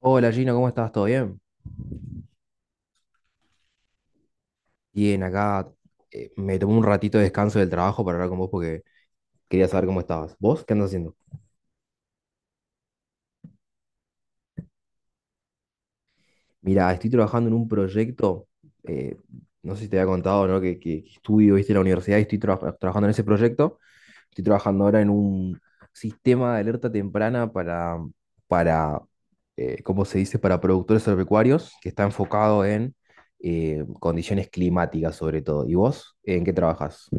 Hola, Gino, ¿cómo estás? ¿Todo bien? Bien, acá me tomé un ratito de descanso del trabajo para hablar con vos porque quería saber cómo estabas. ¿Vos qué andas haciendo? Mira, estoy trabajando en un proyecto, eh, no sé si te había contado, ¿no? Que estudio, viste, en la universidad y estoy trabajando en ese proyecto. Estoy trabajando ahora en un sistema de alerta temprana para, ¿cómo se dice? Para productores agropecuarios que está enfocado en condiciones climáticas sobre todo. ¿Y vos en qué trabajas?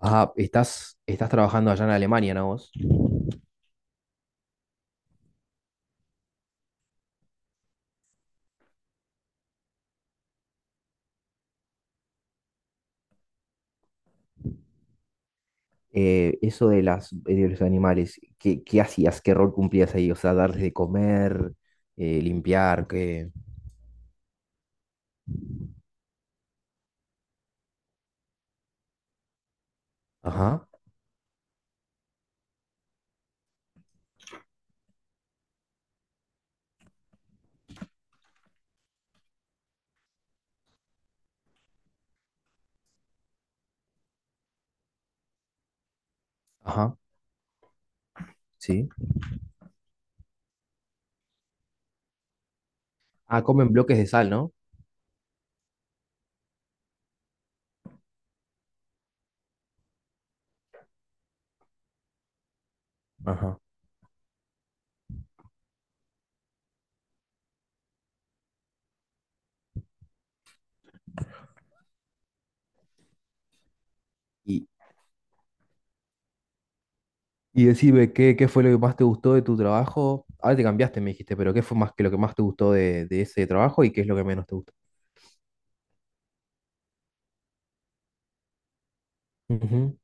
Ajá, estás trabajando allá en Alemania, ¿no, vos? Eso de los animales, ¿qué hacías? ¿Qué rol cumplías ahí? O sea, darles de comer, limpiar, qué... Ajá, ajá. ¿Sí? Ah, comen bloques de sal, ¿no? Ajá. Y, y decime, ¿qué fue lo que más te gustó de tu trabajo? Ahora te cambiaste, me dijiste, pero ¿qué fue más que lo que más te gustó de ese trabajo y qué es lo que menos te gustó? Ujú.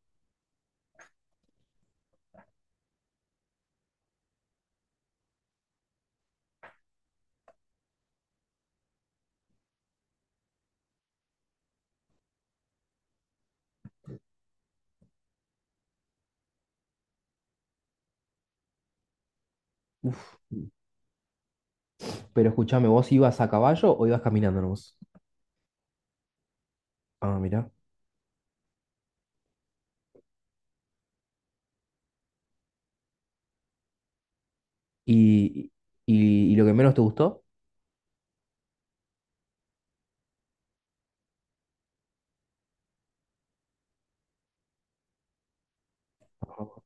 Pero escúchame, ¿vos ibas a caballo o ibas caminando nomás? Ah, mira. ¿Y, y lo que menos te gustó? Ajá.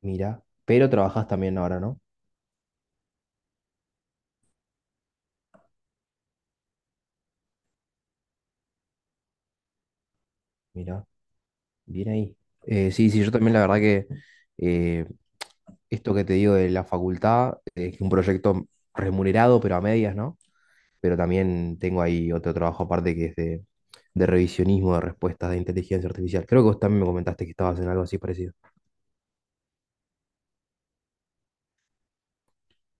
Mira, pero trabajas también ahora, ¿no? Mira, bien ahí. Sí, sí, yo también, la verdad que eh, esto que te digo de la facultad, es un proyecto remunerado, pero a medias, ¿no? Pero también tengo ahí otro trabajo aparte que es de revisionismo de respuestas de inteligencia artificial. Creo que vos también me comentaste que estabas en algo así parecido,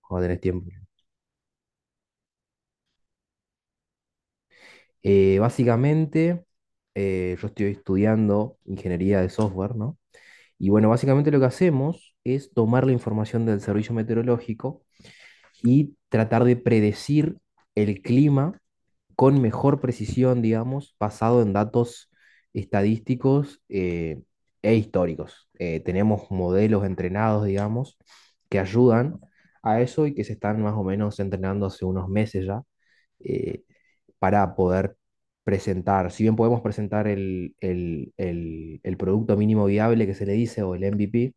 cuando tenés tiempo. Básicamente, yo estoy estudiando ingeniería de software, ¿no? Y bueno, básicamente lo que hacemos es tomar la información del servicio meteorológico y tratar de predecir el clima con mejor precisión, digamos, basado en datos estadísticos e históricos. Tenemos modelos entrenados, digamos, que ayudan a eso y que se están más o menos entrenando hace unos meses ya, eh, para poder presentar, si bien podemos presentar el producto mínimo viable, que se le dice, o el MVP,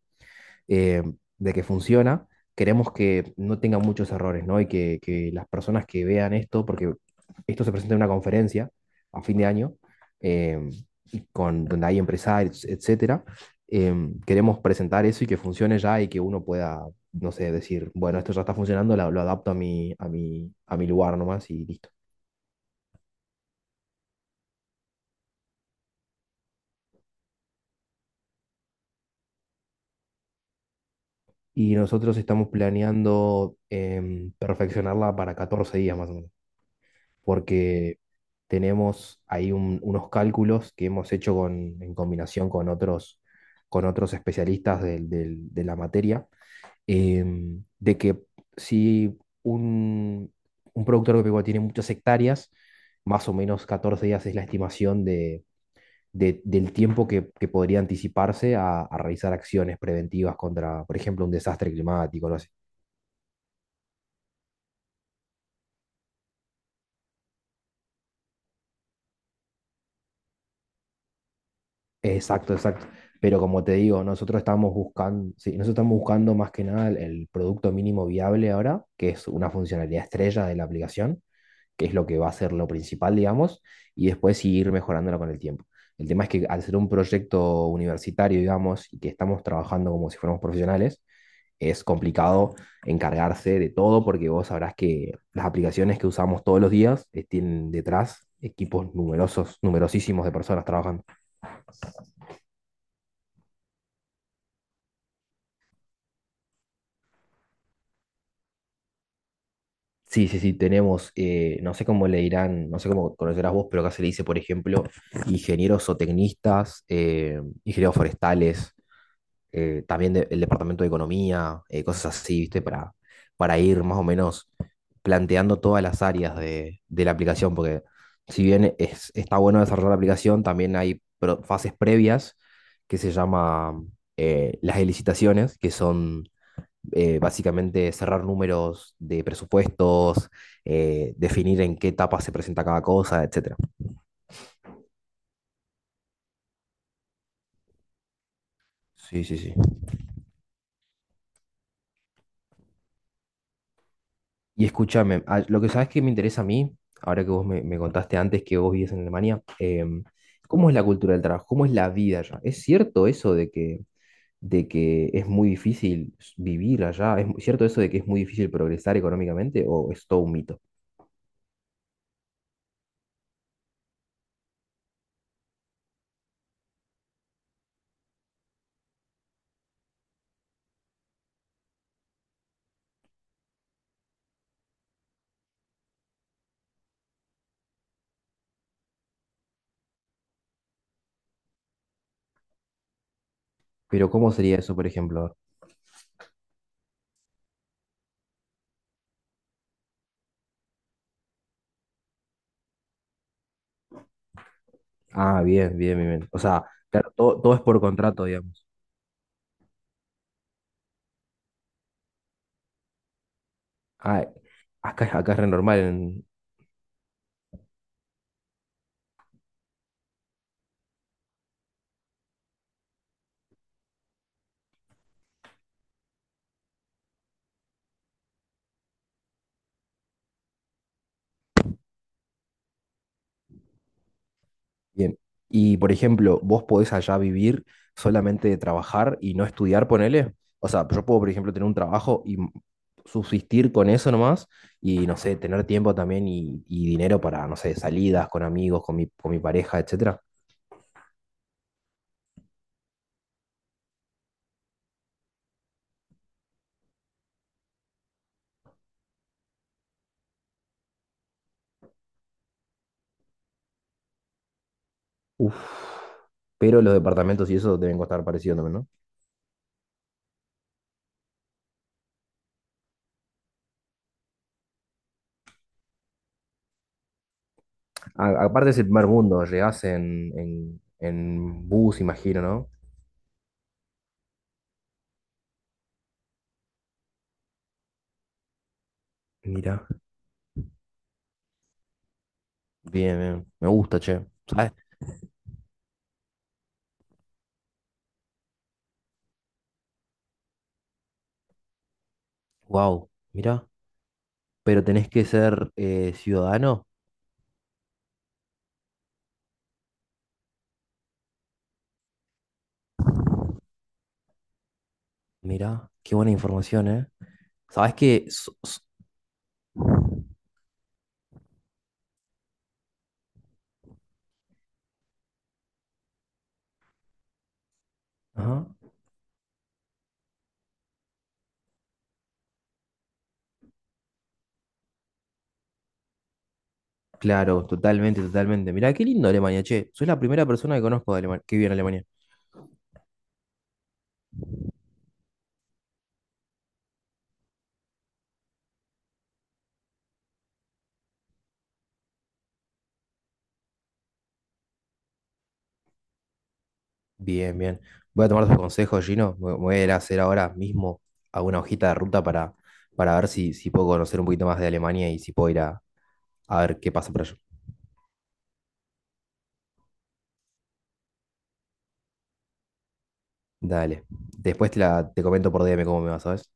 eh, de que funciona, queremos que no tenga muchos errores, ¿no? Y que las personas que vean esto, porque esto se presenta en una conferencia a fin de año, eh, y con, donde hay empresarios, etcétera, queremos presentar eso y que funcione ya y que uno pueda, no sé, decir, bueno, esto ya está funcionando, lo adapto a mi, a mi, a mi lugar nomás y listo. Y nosotros estamos planeando, perfeccionarla para 14 días más o menos. Porque tenemos ahí unos cálculos que hemos hecho en combinación con otros especialistas de la materia, de que si un, un productor agropecuario tiene muchas hectáreas, más o menos 14 días es la estimación de, del tiempo que podría anticiparse a realizar acciones preventivas contra, por ejemplo, un desastre climático, algo. Exacto, exacto. Pero como te digo, nosotros estamos buscando, sí, nosotros estamos buscando más que nada el, el producto mínimo viable ahora, que es una funcionalidad estrella de la aplicación, que es lo que va a ser lo principal, digamos, y después sí ir mejorándola con el tiempo. El tema es que al ser un proyecto universitario, digamos, y que estamos trabajando como si fuéramos profesionales, es complicado encargarse de todo, porque vos sabrás que las aplicaciones que usamos todos los días, tienen detrás equipos numerosos, numerosísimos de personas trabajando. Sí, sí, sí, tenemos, no sé cómo le dirán, no sé cómo conocerás vos, pero acá se le dice, por ejemplo, ingenieros o tecnistas, ingenieros forestales, también el departamento de economía, cosas así, ¿viste? Para ir más o menos planteando todas las áreas de la aplicación, porque si bien es, está bueno desarrollar la aplicación, también hay fases previas, que se llama, las licitaciones, que son básicamente cerrar números de presupuestos, definir en qué etapa se presenta cada cosa, etcétera. Sí, sí, sí. Y escúchame, ah, lo que sabes que me interesa a mí, ahora que vos me, me contaste antes que vos vivías en Alemania, ¿cómo es la cultura del trabajo? ¿Cómo es la vida allá? ¿Es cierto eso de que es muy difícil vivir allá? ¿Es cierto eso de que es muy difícil progresar económicamente o es todo un mito? Pero ¿cómo sería eso, por ejemplo? Ah, bien, bien, bien, bien. O sea, claro, todo, todo es por contrato, digamos. Ah, acá, acá es re normal. Bien. Y por ejemplo, vos podés allá vivir solamente de trabajar y no estudiar, ponele. O sea, yo puedo, por ejemplo, tener un trabajo y subsistir con eso nomás y, no sé, tener tiempo también y dinero para, no sé, salidas con amigos, con mi pareja, etcétera. Uf. Pero los departamentos y eso deben costar parecido también, ¿no? Aparte es el primer mundo, llegás en bus, imagino, ¿no? Mira. Bien, bien. Me gusta, che. ¿Sabes? Wow, mira, pero tenés que ser ciudadano. Mira, qué buena información, ¿eh? Sabés que. Ajá. Claro, totalmente, totalmente. Mira, qué lindo Alemania, che. Soy la primera persona que conozco de Alemania, que vive en Alemania. Bien, bien. Voy a tomar tus consejos, Gino. Me voy a ir a hacer ahora mismo alguna hojita de ruta para ver si, si puedo conocer un poquito más de Alemania y si puedo ir a ver qué pasa por allá. Dale. Después te, la, te comento por DM cómo me va, ¿sabes?